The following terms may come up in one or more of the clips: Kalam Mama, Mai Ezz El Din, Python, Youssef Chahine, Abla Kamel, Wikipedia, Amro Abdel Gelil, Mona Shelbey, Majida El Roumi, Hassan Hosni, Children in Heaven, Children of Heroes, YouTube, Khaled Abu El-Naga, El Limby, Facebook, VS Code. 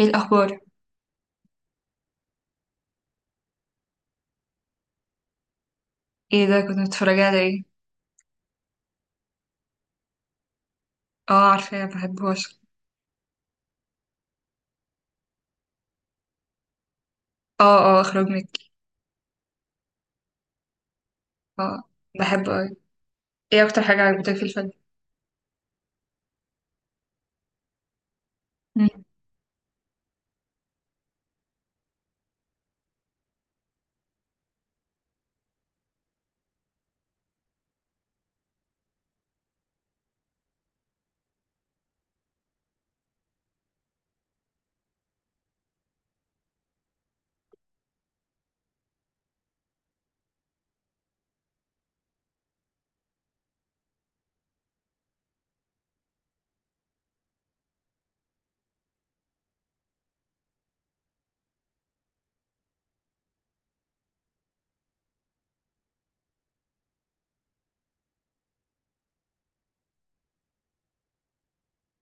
ايه الاخبار؟ ايه ده؟ كنت متفرجة على ايه؟ اه، عارفاه، بحبه اصلا. اه، اه، اخرج منك. اه، بحبه اوي. ايه اكتر حاجة عجبتك في الفيلم؟ مم.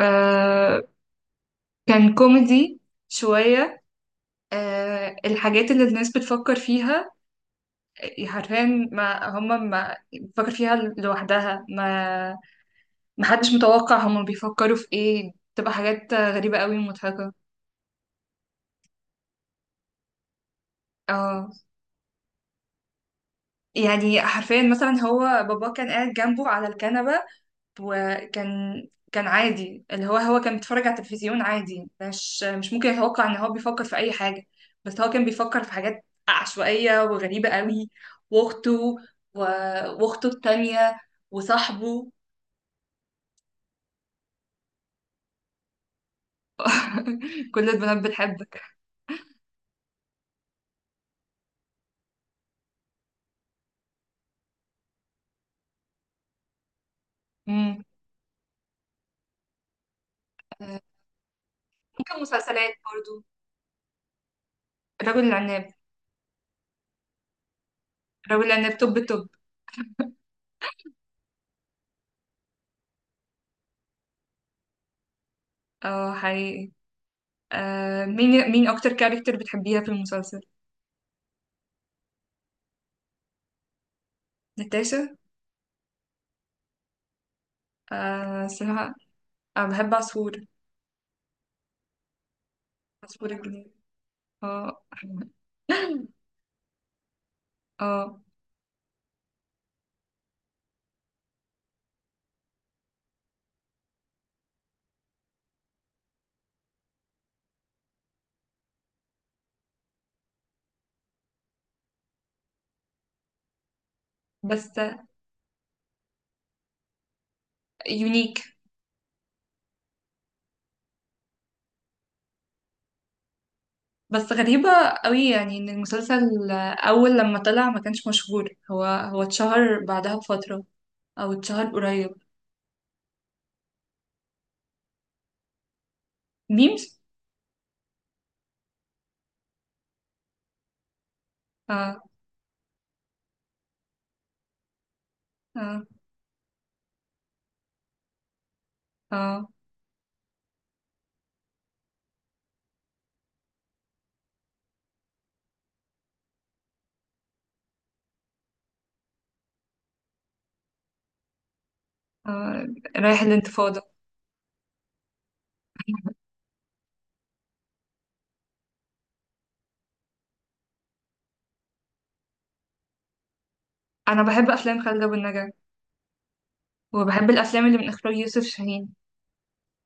آه كان كوميدي شوية. الحاجات اللي الناس بتفكر فيها حرفيا، ما هم ما بتفكر فيها لوحدها، ما حدش متوقع هم بيفكروا في ايه، تبقى حاجات غريبة قوي ومضحكة. اه. يعني حرفيا، مثلا هو بابا كان قاعد جنبه على الكنبة، وكان عادي، اللي هو كان بيتفرج على التلفزيون عادي، مش ممكن يتوقع ان هو بيفكر في اي حاجة. بس هو كان بيفكر في حاجات عشوائية وغريبة قوي. واخته و- واخته التانية وصاحبه. كل البنات بتحبك. مم. آه، ممكن مسلسلات برضو. الرجل العناب. الرجل العناب، توب توب. اه، حقيقي. مين اكتر كاركتر بتحبيها في المسلسل؟ ناتاشا. اسمها. بحب عصفور. عصفور الجنيه. اه. اه بس. يونيك. بس غريبة قوي يعني، ان المسلسل اول لما طلع ما كانش مشهور، هو اتشهر بعدها بفترة. او اتشهر قريب. ميمز. اه، اه، اه، آه. رايح الانتفاضة. انا بحب افلام خالد ابو النجا، وبحب الافلام اللي من اخراج يوسف شاهين.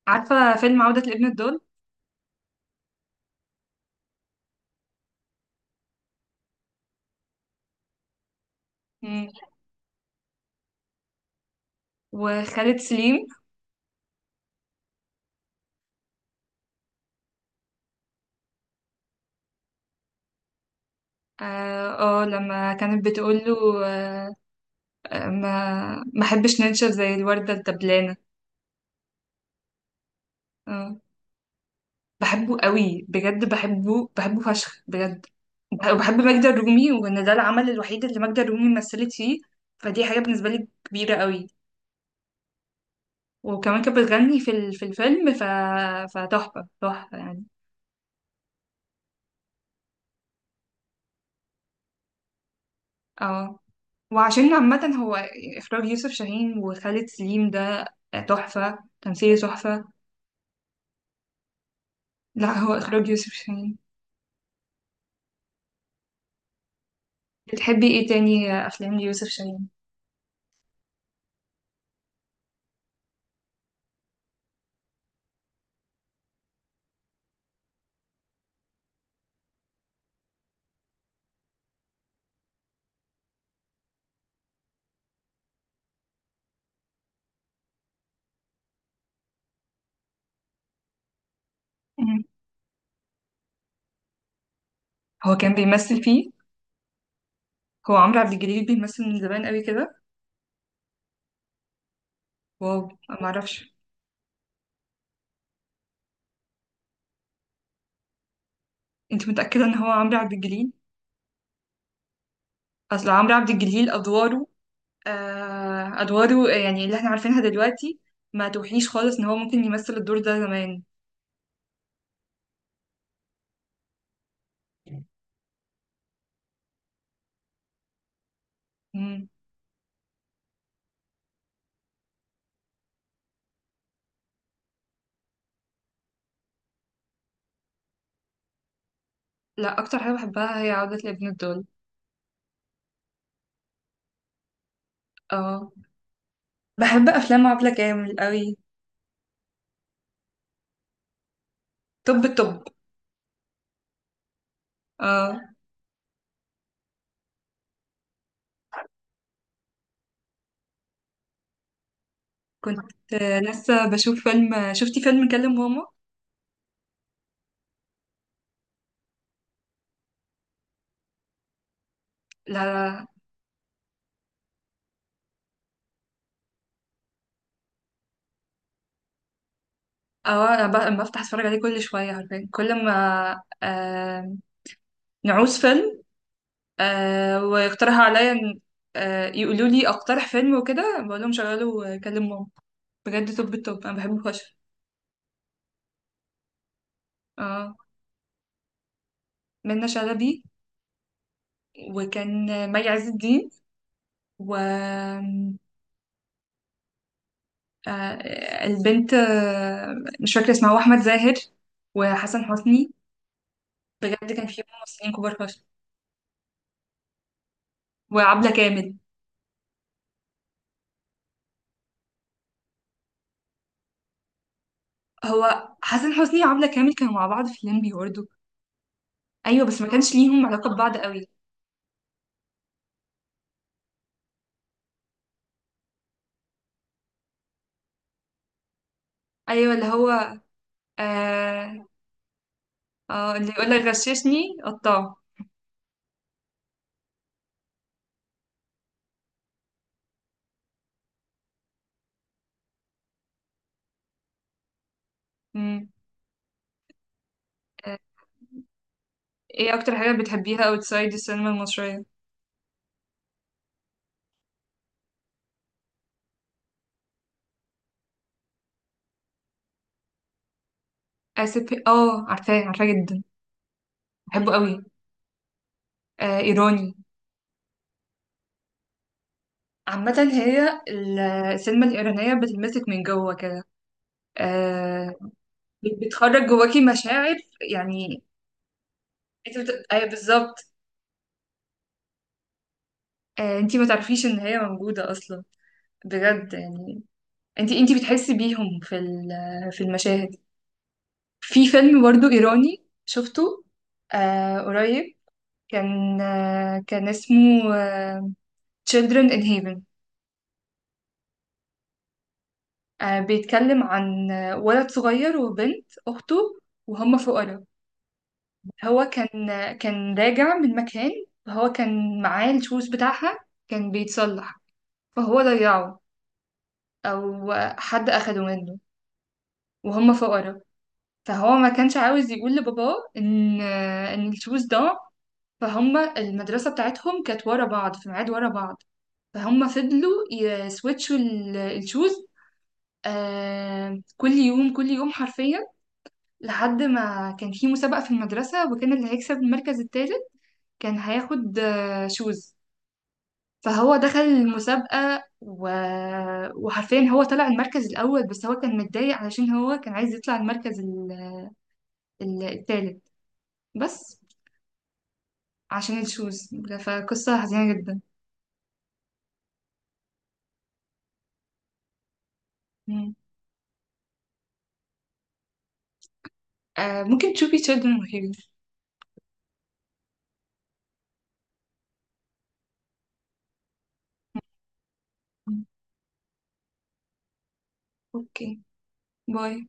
عارفة فيلم عودة لابن الضال؟ مم. وخالد سليم. اه. آه، لما كانت بتقول له آه، ما احبش ننشف زي الوردة الدبلانة. اه، بحبه قوي بجد، بحبه، بحبه فشخ بجد. وبحب ماجدة الرومي، وان ده العمل الوحيد اللي ماجدة الرومي مثلت فيه، فدي حاجة بالنسبة لي كبيرة قوي. وكمان كانت بتغني في الفيلم فتحفة، تحفة يعني. اه. وعشان عامة هو اخراج يوسف شاهين وخالد سليم ده، تحفة، تمثيل تحفة. لا، هو اخراج يوسف شاهين. بتحبي ايه تاني افلام ليوسف شاهين؟ مم. هو كان بيمثل فيه؟ هو عمرو عبد الجليل بيمثل من زمان قوي كده. واو. ما اعرفش. انت متأكدة ان هو عمرو عبد الجليل؟ اصل عمرو عبد الجليل ادواره، ادواره يعني اللي احنا عارفينها دلوقتي، ما توحيش خالص ان هو ممكن يمثل الدور ده زمان. مم. لا، اكتر حاجة بحبها هي عودة لابن الدول. اه. بحب افلام عبلة كامل قوي. طب الطب. اه، كنت لسه بشوف فيلم. شفتي فيلم كلم ماما؟ لا، لا. اه، انا بفتح اتفرج عليه كل شوية، عارفين كل ما نعوز فيلم، ويقترحوا عليا يقولوا لي اقترح فيلم وكده، بقول لهم شغلوا كلم ماما. بجد توب التوب، انا بحبه فشخ. اه. منة شلبي. وكان مي عز الدين و آه البنت، مش فاكره اسمها، واحمد زاهر وحسن حسني. بجد كان في ممثلين كبار فشخ. وعبلة كامل. هو حسن حسني وعبلة كامل كانوا مع بعض في الليمبي برضه. ايوه بس ما كانش ليهم علاقه ببعض قوي. ايوه، اللي هو آه، اه اللي يقولك غششني قطعه. امم. آه، ايه اكتر حاجة بتحبيها اوتسايد السينما المصرية؟ اسف، اه عارفاه، عارفاه جدا. بحبه قوي. ايراني. عامة هي السينما الإيرانية بتلمسك من جوه كده. آه بتخرج جواكي مشاعر يعني. ايوه بالظبط. انت ما تعرفيش ان هي موجودة اصلا، بجد يعني. انت بتحسي بيهم في المشاهد. في فيلم برضو إيراني شفته قريب. كان اسمه Children in Heaven. بيتكلم عن ولد صغير وبنت أخته، وهم فقراء. هو كان راجع من مكان، فهو كان معاه الشوز بتاعها، كان بيتصلح، فهو ضيعه. أو حد أخده منه. وهم فقراء، فهو ما كانش عاوز يقول لباباه إن الشوز ضاع. فهم المدرسة بتاعتهم كانت ورا بعض، في ميعاد ورا بعض، فهم فضلوا يسويتشوا الشوز. كل يوم، كل يوم حرفيا. لحد ما كان في مسابقة في المدرسة، وكان اللي هيكسب المركز التالت كان هياخد شوز. فهو دخل المسابقة وحرفيا هو طلع المركز الأول، بس هو كان متضايق علشان هو كان عايز يطلع المركز التالت، بس. عشان الشوز. فقصة حزينة جدا. مم. ممكن تشوفي Children of Heroes. مم. اوكي، باي.